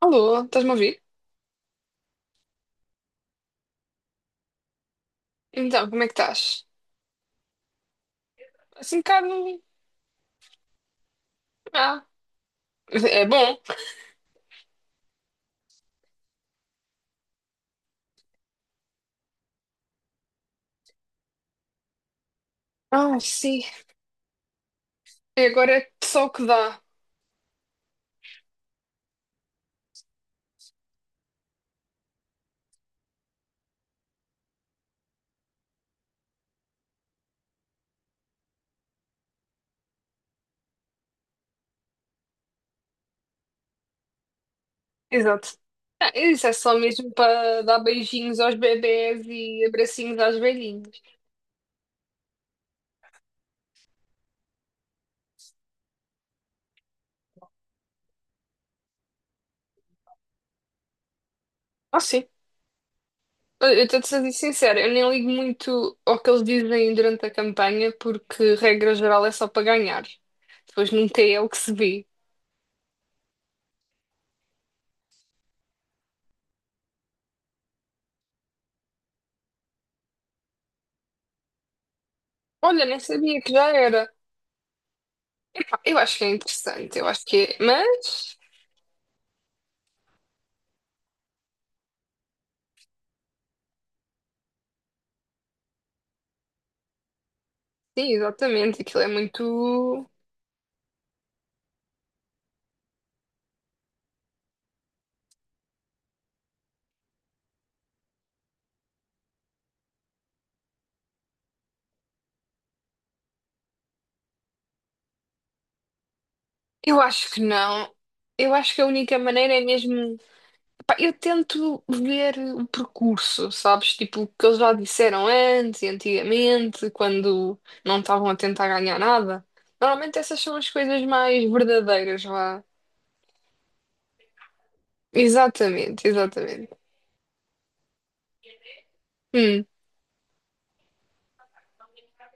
Alô, estás-me a ouvir? Então, como é que estás? Assim um bocado. Ah, é bom. Ah, sim. E agora é só o que dá. Exato. Ah, isso é só mesmo para dar beijinhos aos bebés e abracinhos aos velhinhos. Ah, sim. Eu estou-te a ser sincera, eu nem ligo muito ao que eles dizem durante a campanha, porque regra geral é só para ganhar. Depois nunca é o que se vê. Olha, nem sabia que já era. Eu acho que é interessante, eu acho que é. Mas. Sim, exatamente. Aquilo é muito. Eu acho que não. Eu acho que a única maneira é mesmo. Pá, eu tento ver o percurso, sabes? Tipo, o que eles já disseram antes e antigamente, quando não estavam a tentar ganhar nada. Normalmente essas são as coisas mais verdadeiras lá. Exatamente, exatamente. Hum,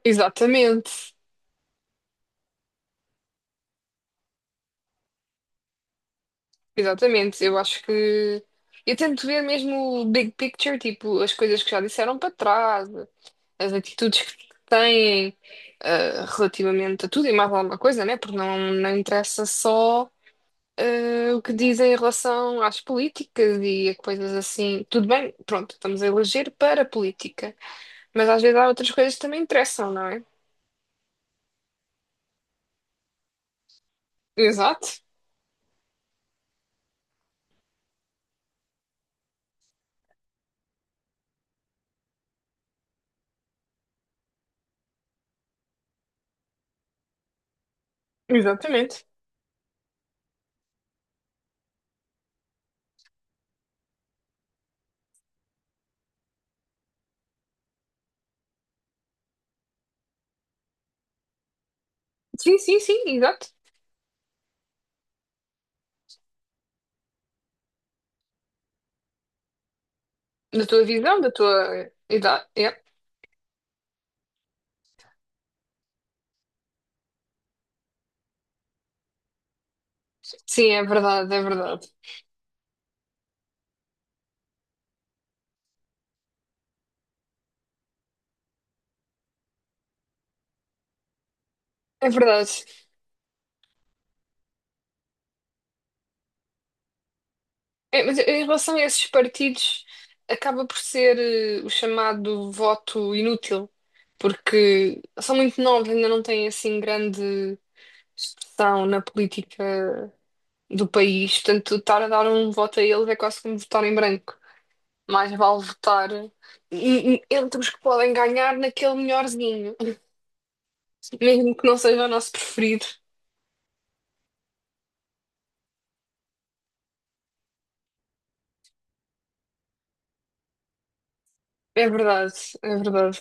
exatamente, exatamente. Eu acho que. Eu tento ver mesmo o big picture, tipo, as coisas que já disseram para trás. As atitudes que têm relativamente a tudo e mais alguma coisa, né? Porque não, não interessa só o que dizem em relação às políticas e a coisas assim. Tudo bem, pronto, estamos a eleger para a política, mas às vezes há outras coisas que também interessam, não é? Exato, exatamente. Sim, sim, sim, exato. Da tua visão, da tua idade. É. Sim, é verdade, é verdade. É verdade. É, mas em relação a esses partidos, acaba por ser o chamado voto inútil, porque são muito novos, ainda não têm assim grande expressão na política do país, portanto, estar a dar um voto a eles é quase como votar em branco. Mais vale votar em- em- entre os que podem ganhar naquele melhorzinho, mesmo que não seja o nosso preferido. É verdade, é verdade.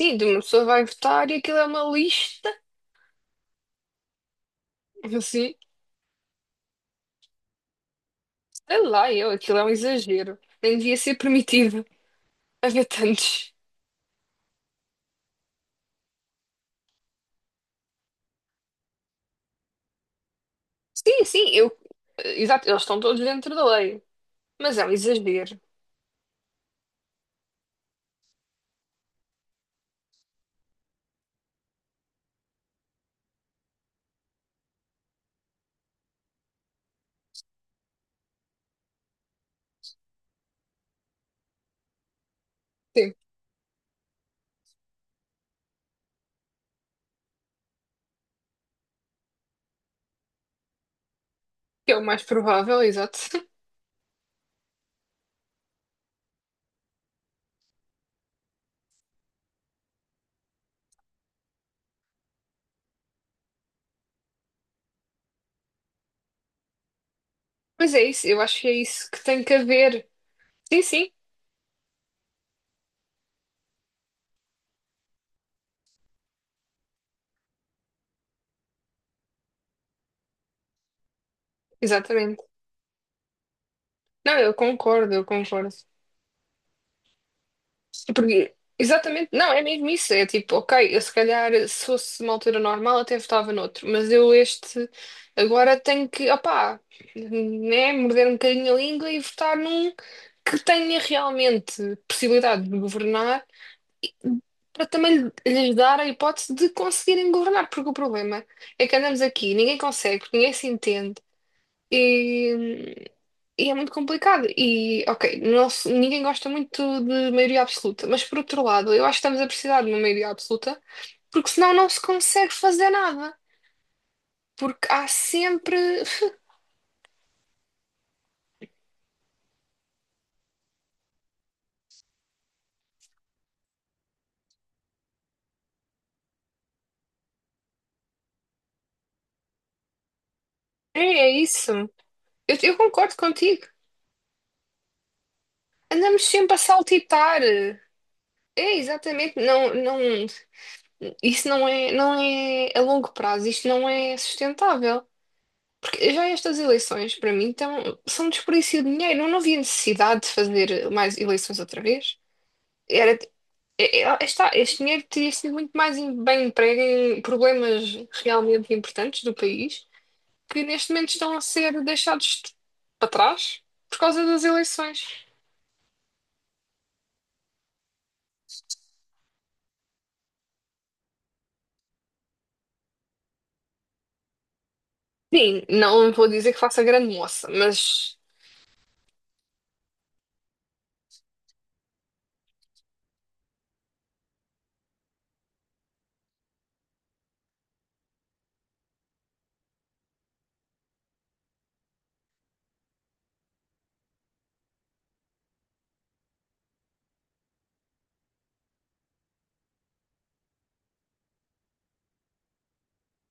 Sim, de uma pessoa vai votar e aquilo é uma lista, assim. Sei lá, eu, aquilo é um exagero. Nem devia ser permitido haver tantos. Sim, sim, eu. Exato, eles estão todos dentro da lei. Mas é um exagero. Sim. Que é o mais provável, exato. Mas é isso, eu acho que é isso que tem que haver. Sim, sim, exatamente. Não, eu concordo, eu concordo. Porque, exatamente, não, é mesmo isso. É tipo, ok, eu se calhar, se fosse uma altura normal, até votava noutro, mas eu este agora tenho que, opá, né, morder um bocadinho a língua e votar num que tenha realmente possibilidade de governar. Para também lhe- lhes dar a hipótese de conseguirem governar, porque o problema é que andamos aqui, ninguém consegue, ninguém se entende e é muito complicado. E, ok, não se- ninguém gosta muito de maioria absoluta, mas por outro lado, eu acho que estamos a precisar de uma maioria absoluta, porque senão não se consegue fazer nada. Porque há sempre. É, é isso. Eu concordo contigo. Andamos sempre a saltitar. É, exatamente. Não, não, isso não é, não é a longo prazo, isto não é sustentável. Porque já estas eleições, para mim, então, são um desperdício de dinheiro. Eu não havia necessidade de fazer mais eleições outra vez. Era, Está, este dinheiro teria sido muito mais em- bem emprego em problemas realmente importantes do país, que neste momento estão a ser deixados de- para trás por causa das eleições. Sim, não vou dizer que faça grande moça, mas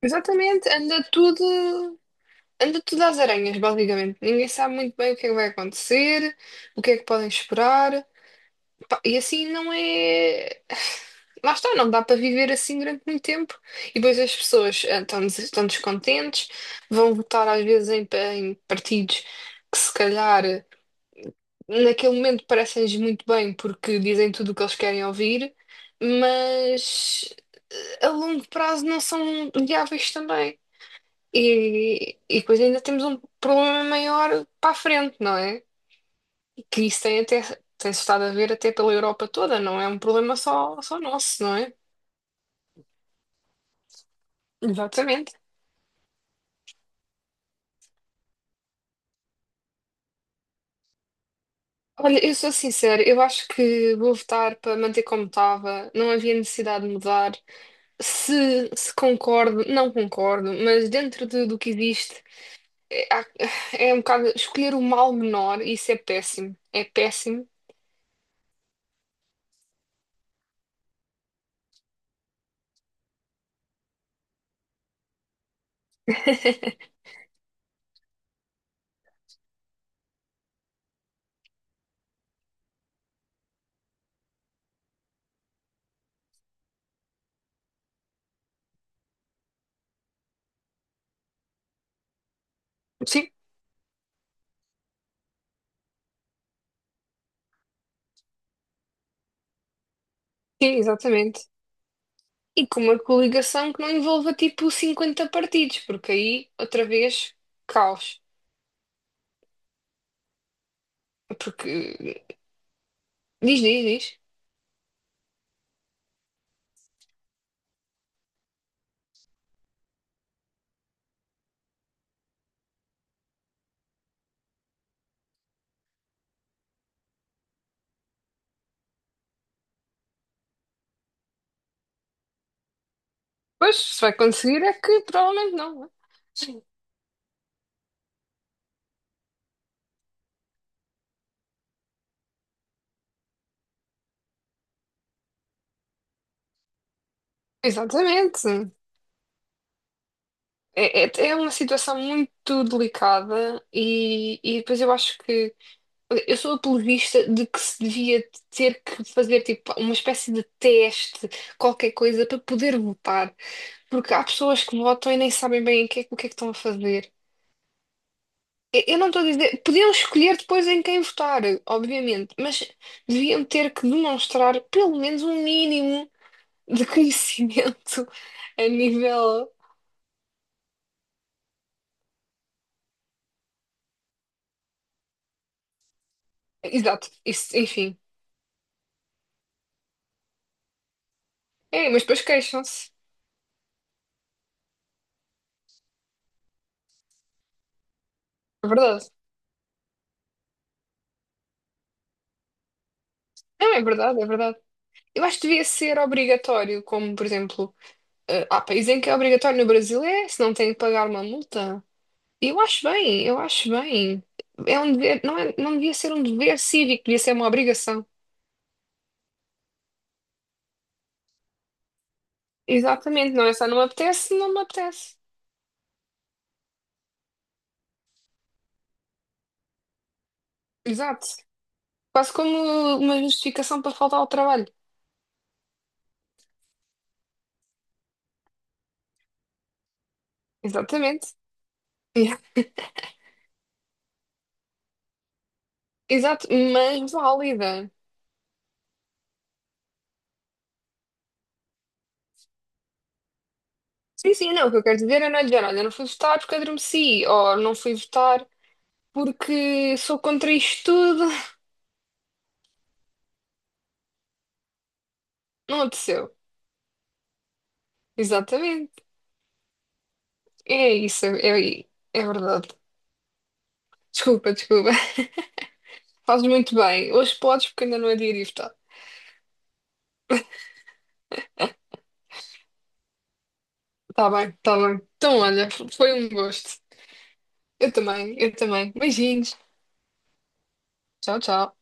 exatamente anda tudo às aranhas, basicamente. Ninguém sabe muito bem o que é que vai acontecer, o que é que podem esperar. Pá, e assim não é. Lá está, não dá para viver assim durante muito tempo. E depois as pessoas estão, des- estão descontentes, vão votar às vezes em, pa- em partidos que se calhar naquele momento parecem-lhes muito bem porque dizem tudo o que eles querem ouvir, mas a longo prazo não são viáveis também. E depois ainda temos um problema maior para a frente, não é? Que isso tem até, tem-se estado a ver até pela Europa toda, não é um problema só, só nosso, não é? Exatamente. Olha, eu sou sincera, eu acho que vou votar para manter como estava, não havia necessidade de mudar. Se concordo, não concordo, mas dentro de- do que existe, é, há- é um bocado escolher o mal menor, e isso é péssimo. É péssimo. Sim, sim, exatamente. E com uma coligação que não envolva tipo 50 partidos, porque aí, outra vez, caos. Porque diz, diz, diz. Pois, se vai conseguir é que provavelmente não. Não é? Sim. Exatamente. É, é, é uma situação muito delicada e depois eu acho que eu sou apologista de que se devia ter que fazer tipo uma espécie de teste, qualquer coisa, para poder votar. Porque há pessoas que votam e nem sabem bem o que é que estão a fazer. Eu não estou a dizer. Podiam escolher depois em quem votar, obviamente, mas deviam ter que demonstrar pelo menos um mínimo de conhecimento a nível. Exato, isso, enfim. É, mas depois queixam-se. É verdade. Não, é verdade, é verdade. Eu acho que devia ser obrigatório, como por exemplo, há países em que é obrigatório no Brasil é, se não tem que pagar uma multa. Eu acho bem, eu acho bem. É um dever, não é, não devia ser um dever cívico, devia ser uma obrigação. Exatamente, não é só não me apetece, não me apetece. Exato. Quase como uma justificação para faltar ao trabalho. Exatamente. Yeah. Exato, mas válida. Sim, sim, não, o que eu quero dizer é não é dizer, olha, não fui votar porque adormeci, ou não fui votar porque sou contra isto tudo. Não aconteceu. Exatamente. É isso, é, é é verdade. Desculpa, desculpa. Fazes muito bem. Hoje podes porque ainda não é dia de ir votar. Tá bem, tá bem. Então, olha, foi um gosto. Eu também, eu também. Beijinhos. Tchau, tchau.